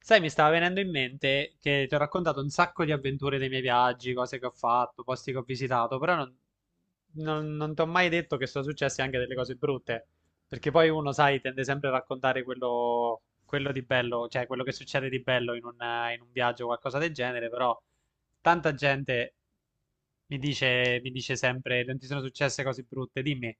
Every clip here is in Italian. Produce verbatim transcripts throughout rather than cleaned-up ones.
Sai, mi stava venendo in mente che ti ho raccontato un sacco di avventure dei miei viaggi, cose che ho fatto, posti che ho visitato, però non, non- non ti ho mai detto che sono successe anche delle cose brutte, perché poi uno, sai, tende sempre a raccontare quello, quello di bello, cioè quello che succede di bello in un, in un viaggio o qualcosa del genere, però tanta gente mi dice, mi dice sempre, non ti sono successe cose brutte, dimmi.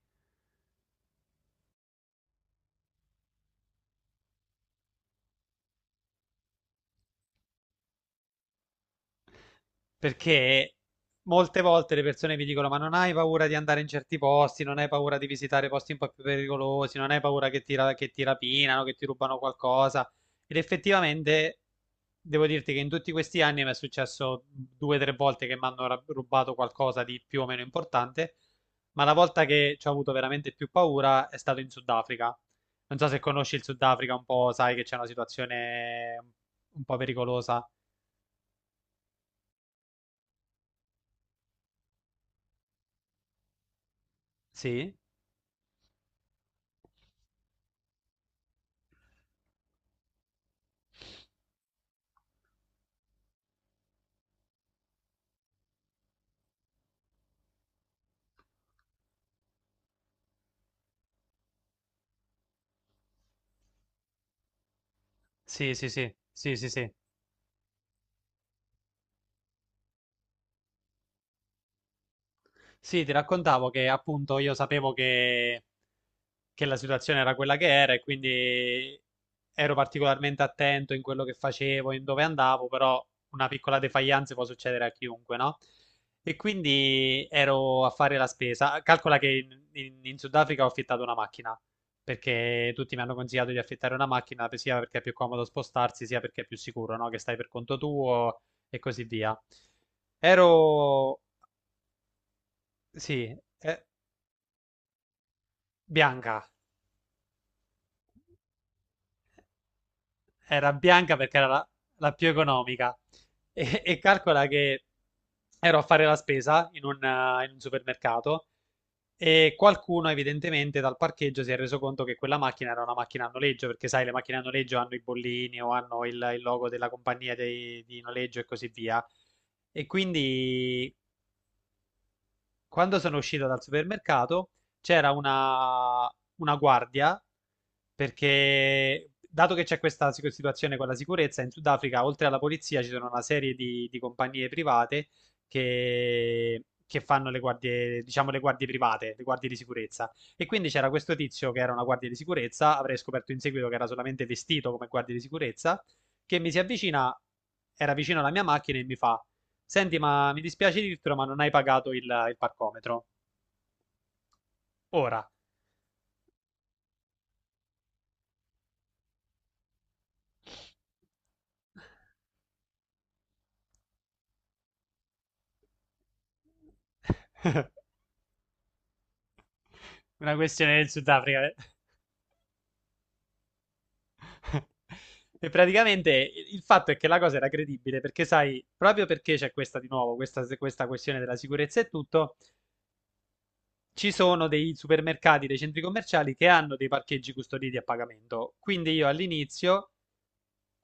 Perché molte volte le persone mi dicono: ma non hai paura di andare in certi posti, non hai paura di visitare posti un po' più pericolosi, non hai paura che ti, ra- che ti rapinano, che ti rubano qualcosa. Ed effettivamente devo dirti che in tutti questi anni mi è successo due o tre volte che mi hanno ra- rubato qualcosa di più o meno importante. Ma la volta che ci ho avuto veramente più paura è stato in Sudafrica. Non so se conosci il Sudafrica un po', sai che c'è una situazione un po' pericolosa. Sì. Sì, sì, sì, sì, sì, sì. Sì, ti raccontavo che appunto io sapevo che, che la situazione era quella che era e quindi ero particolarmente attento in quello che facevo, in dove andavo, però una piccola defaillance può succedere a chiunque, no? E quindi ero a fare la spesa. Calcola che in, in- in Sudafrica ho affittato una macchina, perché tutti mi hanno consigliato di affittare una macchina, sia perché è più comodo spostarsi, sia perché è più sicuro, no? Che stai per conto tuo e così via. Ero. Sì, eh, bianca, era bianca perché era la, la più economica. E, e calcola che ero a fare la spesa in un, eh, in un supermercato e qualcuno evidentemente dal parcheggio si è reso conto che quella macchina era una macchina a noleggio, perché sai, le macchine a noleggio hanno i bollini o hanno il, il logo della compagnia dei- di noleggio e così via. E quindi. Quando sono uscito dal supermercato c'era una, una guardia perché, dato che c'è questa sic- situazione con la sicurezza, in Sudafrica, oltre alla polizia, ci sono una serie di, di compagnie private che, che fanno le guardie, diciamo, le guardie private, le guardie di sicurezza. E quindi c'era questo tizio che era una guardia di sicurezza, avrei scoperto in seguito che era solamente vestito come guardia di sicurezza, che mi si avvicina, era vicino alla mia macchina e mi fa. Senti, ma mi dispiace dirtelo, ma non hai pagato il, il parcometro. Ora, una questione del Sudafrica. E praticamente il fatto è che la cosa era credibile perché, sai, proprio perché c'è questa di nuovo, questa, questa questione della sicurezza e tutto, ci sono dei supermercati, dei centri commerciali che hanno dei parcheggi custoditi a pagamento. Quindi io all'inizio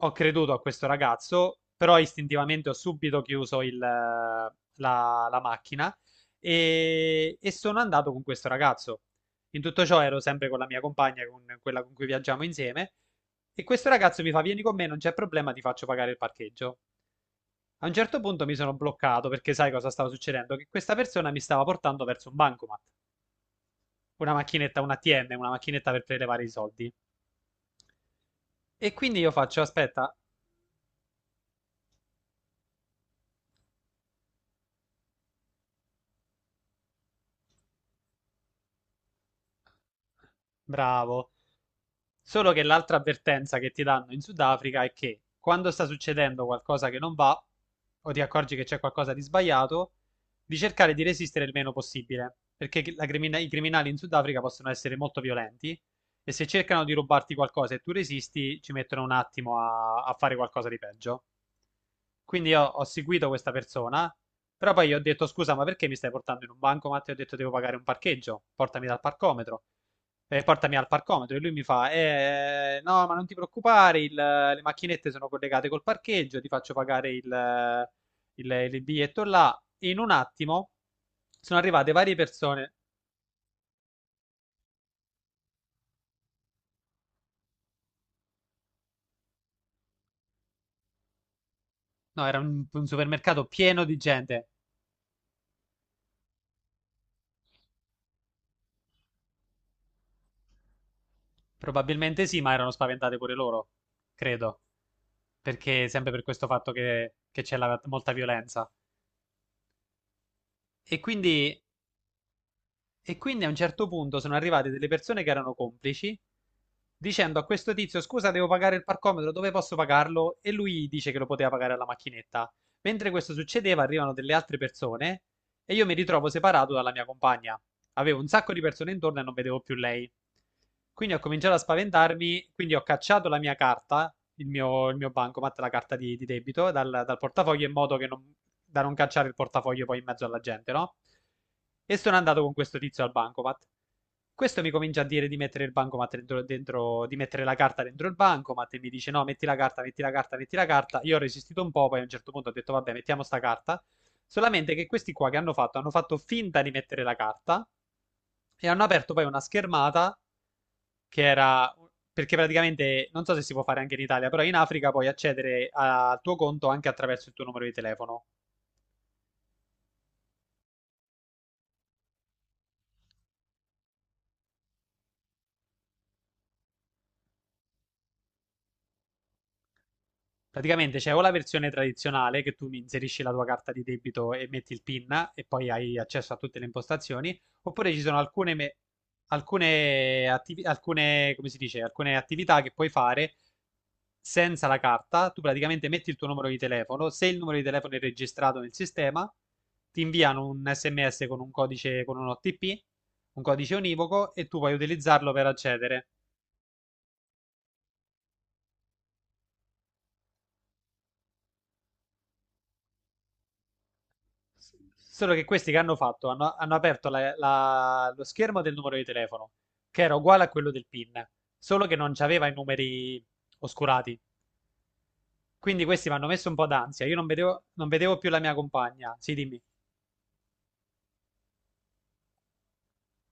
ho creduto a questo ragazzo, però istintivamente ho subito chiuso il, eh, la, la macchina e, e sono andato con questo ragazzo. In tutto ciò ero sempre con la mia compagna, con quella con cui viaggiamo insieme, e questo ragazzo mi fa: vieni con me, non c'è problema, ti faccio pagare il parcheggio. A un certo punto mi sono bloccato perché sai cosa stava succedendo? Che questa persona mi stava portando verso un bancomat, una macchinetta, un A T M, una macchinetta per prelevare i soldi. E quindi io faccio: aspetta. Bravo. Solo che l'altra avvertenza che ti danno in Sudafrica è che quando sta succedendo qualcosa che non va, o ti accorgi che c'è qualcosa di sbagliato, di cercare di resistere il meno possibile, perché la crimina- i criminali in Sudafrica possono essere molto violenti e se cercano di rubarti qualcosa e tu resisti, ci mettono un attimo a, a fare qualcosa di peggio. Quindi io ho seguito questa persona, però poi gli ho detto scusa, ma perché mi stai portando in un bancomat? E ho detto devo pagare un parcheggio, portami dal parcometro. Eh, portami al parcometro e lui mi fa eh, no, ma non ti preoccupare, il- le macchinette sono collegate col parcheggio, ti faccio pagare il, il, il biglietto là. E in un attimo sono arrivate varie persone. No, era un, un supermercato pieno di gente. Probabilmente sì, ma erano spaventate pure loro, credo, perché sempre per questo fatto che, che c'è la- molta violenza. E quindi, e quindi a un certo punto sono arrivate delle persone che erano complici dicendo a questo tizio: scusa, devo pagare il parcometro, dove posso pagarlo? E lui dice che lo poteva pagare alla macchinetta. Mentre questo succedeva, arrivano delle altre persone e io mi ritrovo separato dalla mia compagna. Avevo un sacco di persone intorno e non vedevo più lei. Quindi ho cominciato a spaventarmi, quindi ho cacciato la mia carta, il mio, il mio bancomat, la carta di, di debito, dal, dal portafoglio, in modo che non, da non cacciare il portafoglio poi in mezzo alla gente, no? E sono andato con questo tizio al bancomat. Questo mi comincia a dire di mettere il bancomat dentro, dentro- di mettere la carta dentro il bancomat e mi dice no, metti la carta, metti la carta, metti la carta. Io ho resistito un po', poi a un certo punto ho detto vabbè, mettiamo sta carta. Solamente che questi qua che hanno fatto, hanno fatto finta di mettere la carta e hanno aperto poi una schermata che era, perché praticamente non so se si può fare anche in Italia, però in Africa puoi accedere al tuo conto anche attraverso il tuo numero di telefono. Praticamente c'è o la versione tradizionale che tu mi inserisci la tua carta di debito e metti il PIN e poi hai accesso a tutte le impostazioni, oppure ci sono alcune, me- alcune, attivi- alcune, come si dice, alcune attività che puoi fare senza la carta. Tu praticamente metti il tuo numero di telefono, se il numero di telefono è registrato nel sistema, ti inviano un S M S con un codice, con un O T P, un codice univoco e tu puoi utilizzarlo per accedere. Solo che questi che hanno fatto hanno, hanno aperto la- la- lo schermo del numero di telefono, che era uguale a quello del PIN, solo che non c'aveva i numeri oscurati. Quindi questi mi hanno messo un po' d'ansia. Io non vedevo, non vedevo più la mia compagna. Sì, dimmi.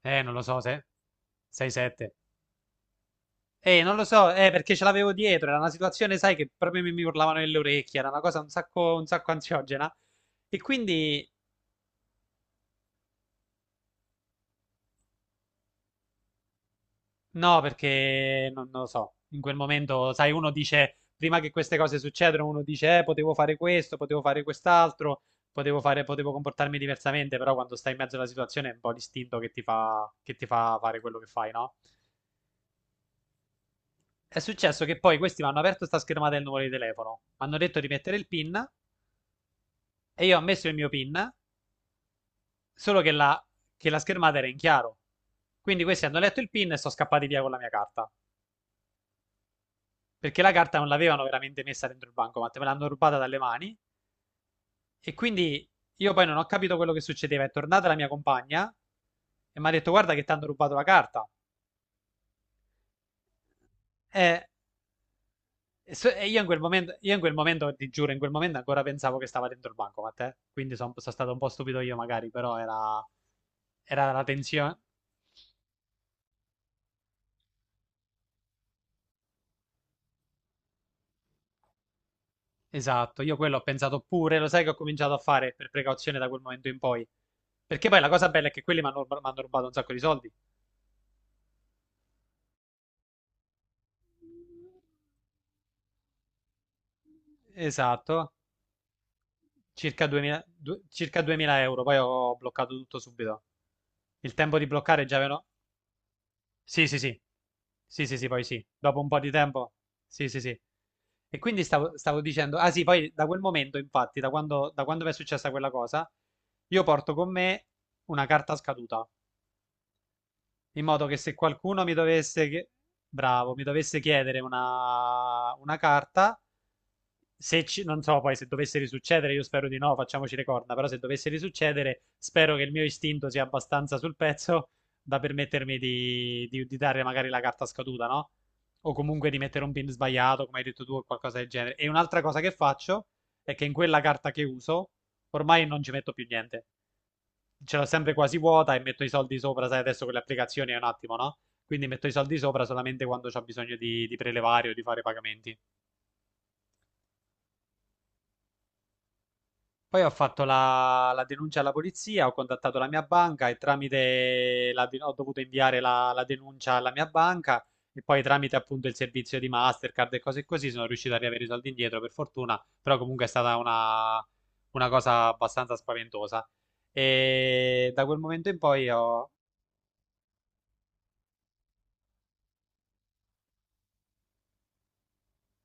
Eh, non lo so, se sei sette. Eh, non lo so, eh, perché ce l'avevo dietro. Era una situazione, sai, che proprio mi, mi urlavano nelle orecchie. Era una cosa un sacco, un sacco ansiogena. E quindi. No, perché non, non lo so, in quel momento, sai, uno dice, prima che queste cose succedano, uno dice, eh, potevo fare questo, potevo fare quest'altro, potevo fare, potevo comportarmi diversamente, però quando stai in mezzo alla situazione è un po' l'istinto che ti fa, che ti fa, fare quello che fai, no? È successo che poi questi mi hanno aperto sta schermata del numero di telefono, mi hanno detto di mettere il PIN e io ho messo il mio PIN, solo che la, che la schermata era in chiaro. Quindi questi hanno letto il PIN e sono scappati via con la mia carta. Perché la carta non l'avevano veramente messa dentro il bancomat, me l'hanno rubata dalle mani e quindi io poi non ho capito quello che succedeva. È tornata la mia compagna e mi ha detto guarda che ti hanno rubato la carta. E, e so- e io in quel momento, io in quel momento, ti giuro, in quel momento ancora pensavo che stava dentro il bancomat, eh. Quindi son- sono stato un po' stupido io magari, però era, era la tensione. Esatto, io quello ho pensato pure, lo sai che ho cominciato a fare per precauzione da quel momento in poi. Perché poi la cosa bella è che quelli mi hanno mi hanno rubato un sacco di soldi. Esatto. circa 2000, du- circa duemila euro, poi ho bloccato tutto subito. Il tempo di bloccare già avevano... Sì, sì, sì. Sì, sì, sì, poi sì. Dopo un po' di tempo. Sì, sì, sì. E quindi stavo, stavo dicendo, ah sì, poi da quel momento, infatti, da quando, da quando mi è successa quella cosa, io porto con me una carta scaduta, in modo che se qualcuno mi dovesse, chie- bravo, mi dovesse chiedere una, una carta, se ci- non so poi se dovesse risuccedere, io spero di no, facciamoci le corna, però se dovesse risuccedere, spero che il mio istinto sia abbastanza sul pezzo da permettermi di, di, di dare magari la carta scaduta, no? O comunque di mettere un pin sbagliato, come hai detto tu, o qualcosa del genere. E un'altra cosa che faccio è che in quella carta che uso, ormai non ci metto più niente. Ce l'ho sempre quasi vuota e metto i soldi sopra, sai, adesso con le applicazioni è un attimo, no? Quindi metto i soldi sopra solamente quando ho bisogno di, di prelevare o di fare pagamenti. Poi ho fatto la, la denuncia alla polizia, ho contattato la mia banca e tramite la, de- ho dovuto inviare la, la denuncia alla mia banca e poi tramite appunto il servizio di Mastercard e cose così sono riuscito a riavere i soldi indietro per fortuna, però comunque è stata una, una cosa abbastanza spaventosa. E da quel momento in poi ho,